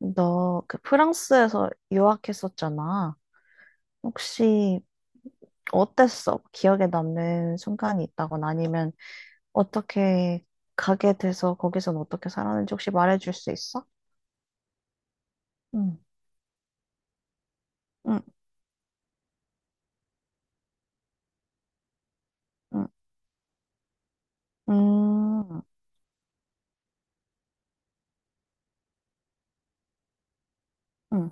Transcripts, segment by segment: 너 그 프랑스에서 유학했었잖아. 혹시 어땠어? 기억에 남는 순간이 있다거나 아니면 어떻게 가게 돼서 거기선 어떻게 살았는지 혹시 말해줄 수 있어? 응, 응, 응, 응, 응,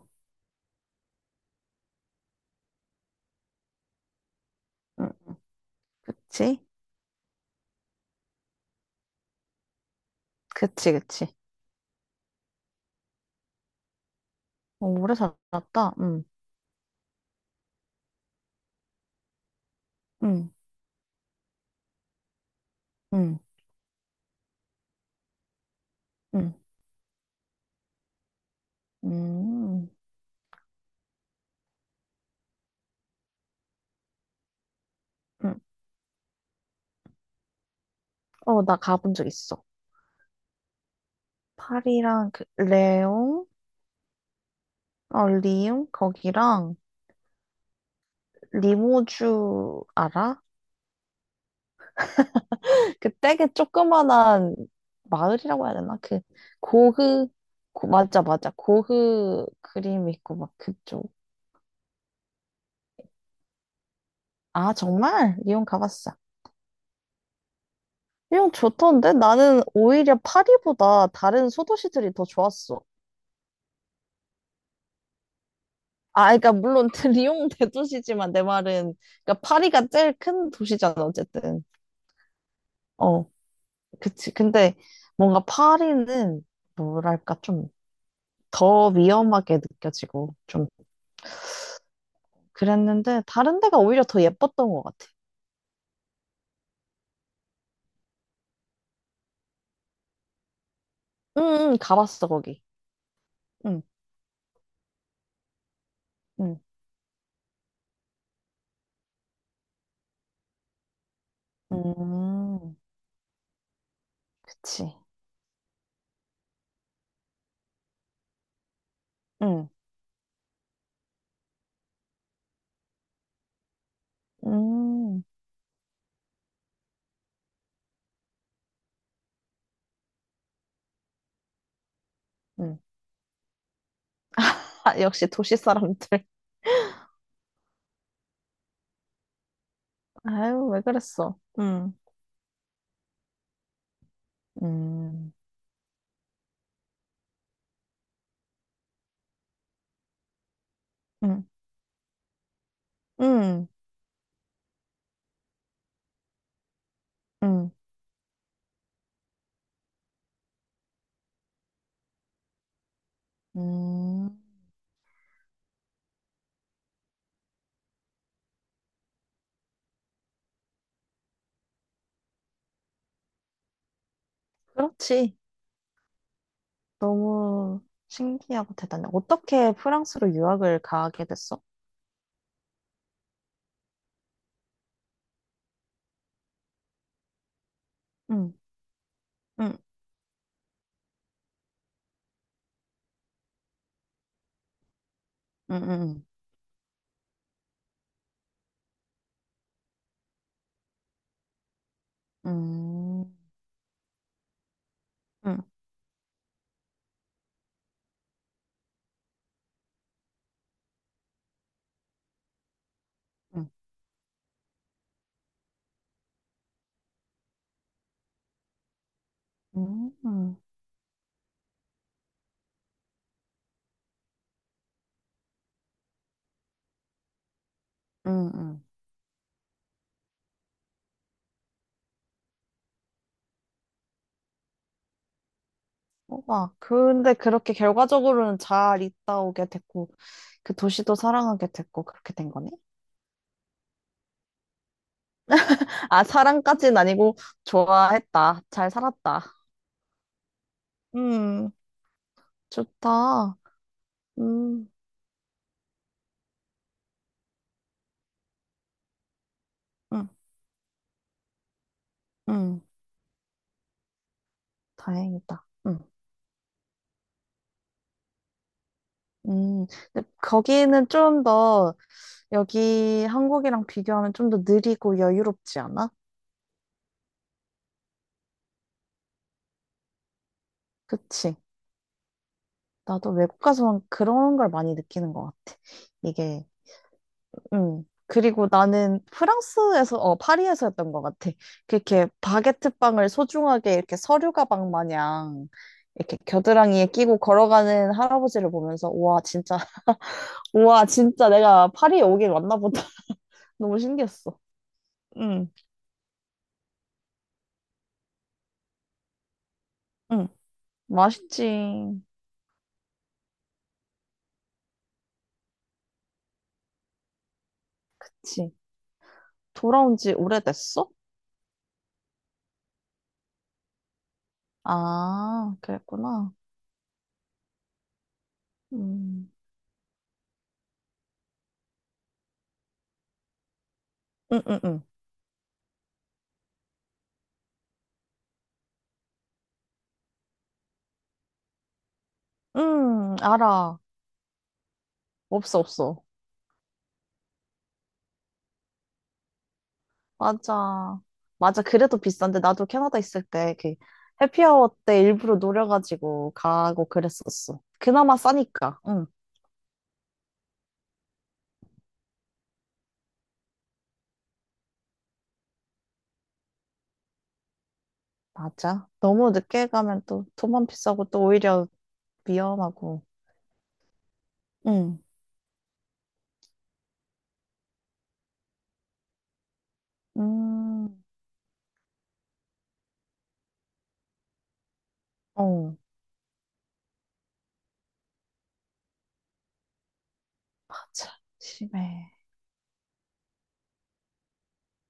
응. 그치? 그치, 그치. 어, 오래 살았다. 응, 응, 응, 응, 응, 응. 어, 나 가본 적 있어. 파리랑 그 레옹, 어, 리옹 거기랑 리모주 알아? 그 되게 조그만한 마을이라고 해야 되나? 그 고흐 맞아 맞아 고흐 그림 있고 막 그쪽. 아 정말? 리옹 가봤어. 리옹 좋던데 나는 오히려 파리보다 다른 소도시들이 더 좋았어. 아 그러니까 물론 리옹 대도시지만 내 말은 그러니까 파리가 제일 큰 도시잖아 어쨌든. 어 그치. 근데 뭔가 파리는 뭐랄까 좀 더 위험하게 느껴지고 좀 그랬는데 다른 데가 오히려 더 예뻤던 것 같아. 응, 응, 가봤어 거기. 응, 응, 음, 그치. 응, 음, 응. 아, 역시 도시 사람들. 아유, 왜 그랬어? 응, 음, 응, 응, 응, 응. 그렇지. 너무 신기하고 대단해. 어떻게 프랑스로 유학을 가게 됐어? 응, 응, 응, 응, 응, 응, 응, 응, 응, 응, 응. 막 근데 그렇게 결과적으로는 잘 있다 오게 됐고 그 도시도 사랑하게 됐고 그렇게 된 거네. 아, 사랑까진 아니고 좋아했다. 잘 살았다. 음, 좋다. 음, 음, 음, 다행이다. 음. 근데 거기는 좀 더 여기 한국이랑 비교하면 좀 더 느리고 여유롭지 않아? 그치? 나도 외국 가서 그런 걸 많이 느끼는 것 같아. 이게 그리고 나는 프랑스에서, 어, 파리에서였던 것 같아. 그렇게 바게트 빵을 소중하게 이렇게 서류 가방 마냥 이렇게 겨드랑이에 끼고 걸어가는 할아버지를 보면서, 우와, 진짜, 우와, 진짜 내가 파리에 오길 왔나 보다. 너무 신기했어. 응, 응. 맛있지. 그치. 돌아온 지 오래됐어? 아, 그랬구나. 음, 응, 응, 응. 응, 알아. 없어, 없어. 맞아. 맞아. 그래도 비싼데, 나도 캐나다 있을 때, 그, 해피아워 때 일부러 노려가지고 가고 그랬었어. 그나마 싸니까. 응, 맞아. 너무 늦게 가면 또 돈만 비싸고 또 오히려 위험하고. 응, 음, 어, 맞아. 심해.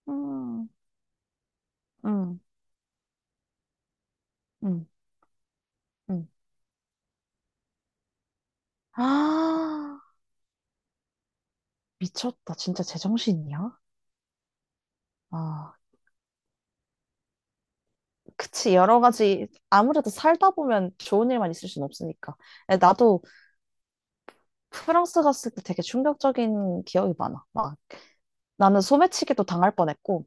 음, 음, 음, 음. 아, 미쳤다. 진짜 제정신이야? 아, 그치. 여러 가지, 아무래도 살다 보면 좋은 일만 있을 순 없으니까. 나도 프랑스 갔을 때 되게 충격적인 기억이 많아. 막 나는 소매치기도 당할 뻔했고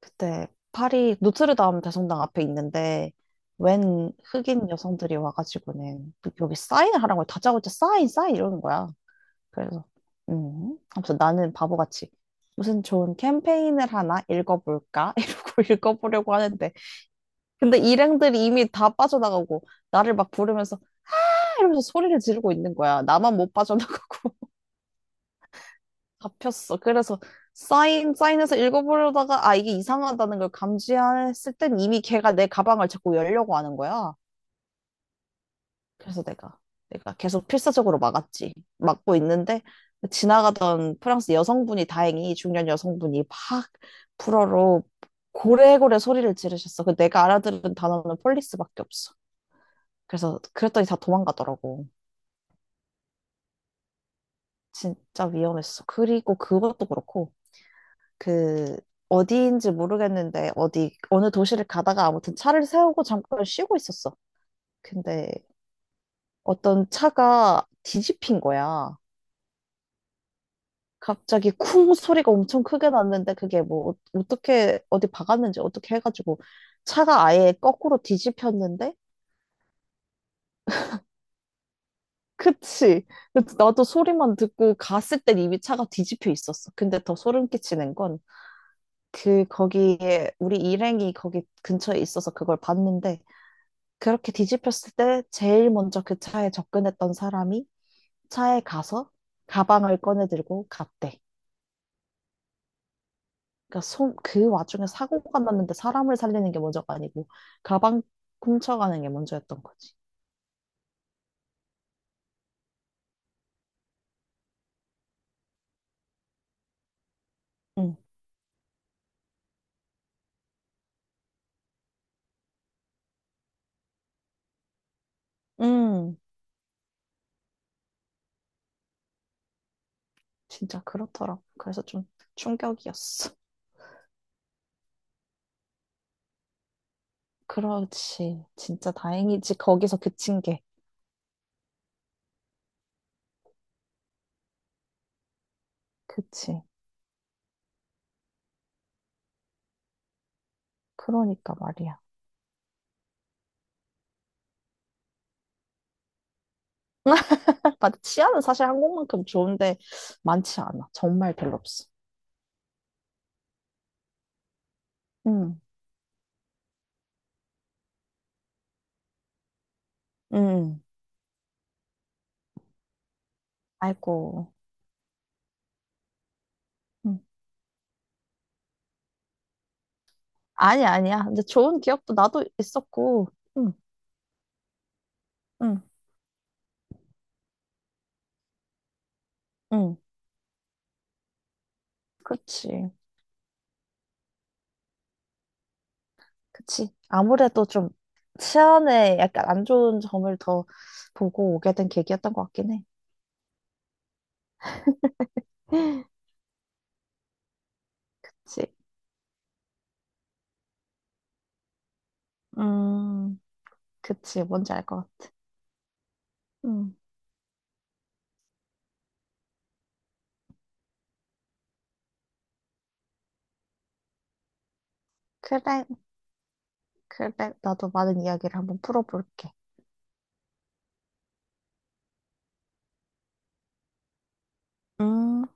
그때 파리 노트르담 대성당 앞에 있는데 웬 흑인 여성들이 와가지고는 여기 사인을 하라고 해요. 다짜고짜 사인 사인 이러는 거야. 그래서 아무튼 나는 바보같이 무슨 좋은 캠페인을 하나 읽어볼까 이러고 읽어보려고 하는데 근데 일행들이 이미 다 빠져나가고 나를 막 부르면서 아! 이러면서 소리를 지르고 있는 거야. 나만 못 빠져나가고 잡혔어. 그래서 사인, 사인해서 읽어보려다가, 아, 이게 이상하다는 걸 감지했을 땐 이미 걔가 내 가방을 자꾸 열려고 하는 거야. 그래서 내가 계속 필사적으로 막았지. 막고 있는데, 지나가던 프랑스 여성분이 다행히, 중년 여성분이 팍 불어로 고래고래 소리를 지르셨어. 그 내가 알아들은 단어는 폴리스밖에 없어. 그래서 그랬더니 다 도망가더라고. 진짜 위험했어. 그리고 그것도 그렇고, 그 어디인지 모르겠는데 어디 어느 도시를 가다가 아무튼 차를 세우고 잠깐 쉬고 있었어. 근데 어떤 차가 뒤집힌 거야. 갑자기 쿵 소리가 엄청 크게 났는데 그게 뭐 어떻게 어디 박았는지 어떻게 해가지고 차가 아예 거꾸로 뒤집혔는데 그치. 그래서 나도 소리만 듣고 갔을 땐 이미 차가 뒤집혀 있었어. 근데 더 소름 끼치는 건 그 거기에 우리 일행이 거기 근처에 있어서 그걸 봤는데 그렇게 뒤집혔을 때 제일 먼저 그 차에 접근했던 사람이 차에 가서 가방을 꺼내 들고 갔대. 그러니까 손, 그 와중에 사고가 났는데 사람을 살리는 게 먼저가 아니고 가방 훔쳐가는 게 먼저였던 거지. 응, 응, 진짜 그렇더라고. 그래서 좀 충격이었어. 그렇지. 진짜 다행이지. 거기서 그친 게. 그치. 그러니까 말이야. 맞아. 치안은 사실 한국만큼 좋은데 많지 않아. 정말 별로 없어. 응, 응. 아이고. 응. 아니, 아니야. 근데 좋은 기억도 나도 있었고. 응, 응, 응. 그렇지. 그치. 아무래도 좀 치안에 약간 안 좋은 점을 더 보고 오게 된 계기였던 것 같긴 해. 그치. 음, 그치. 뭔지 알 것 같아. 음, 그래, 그래. 나도 많은 이야기를 한번 풀어볼게. 음.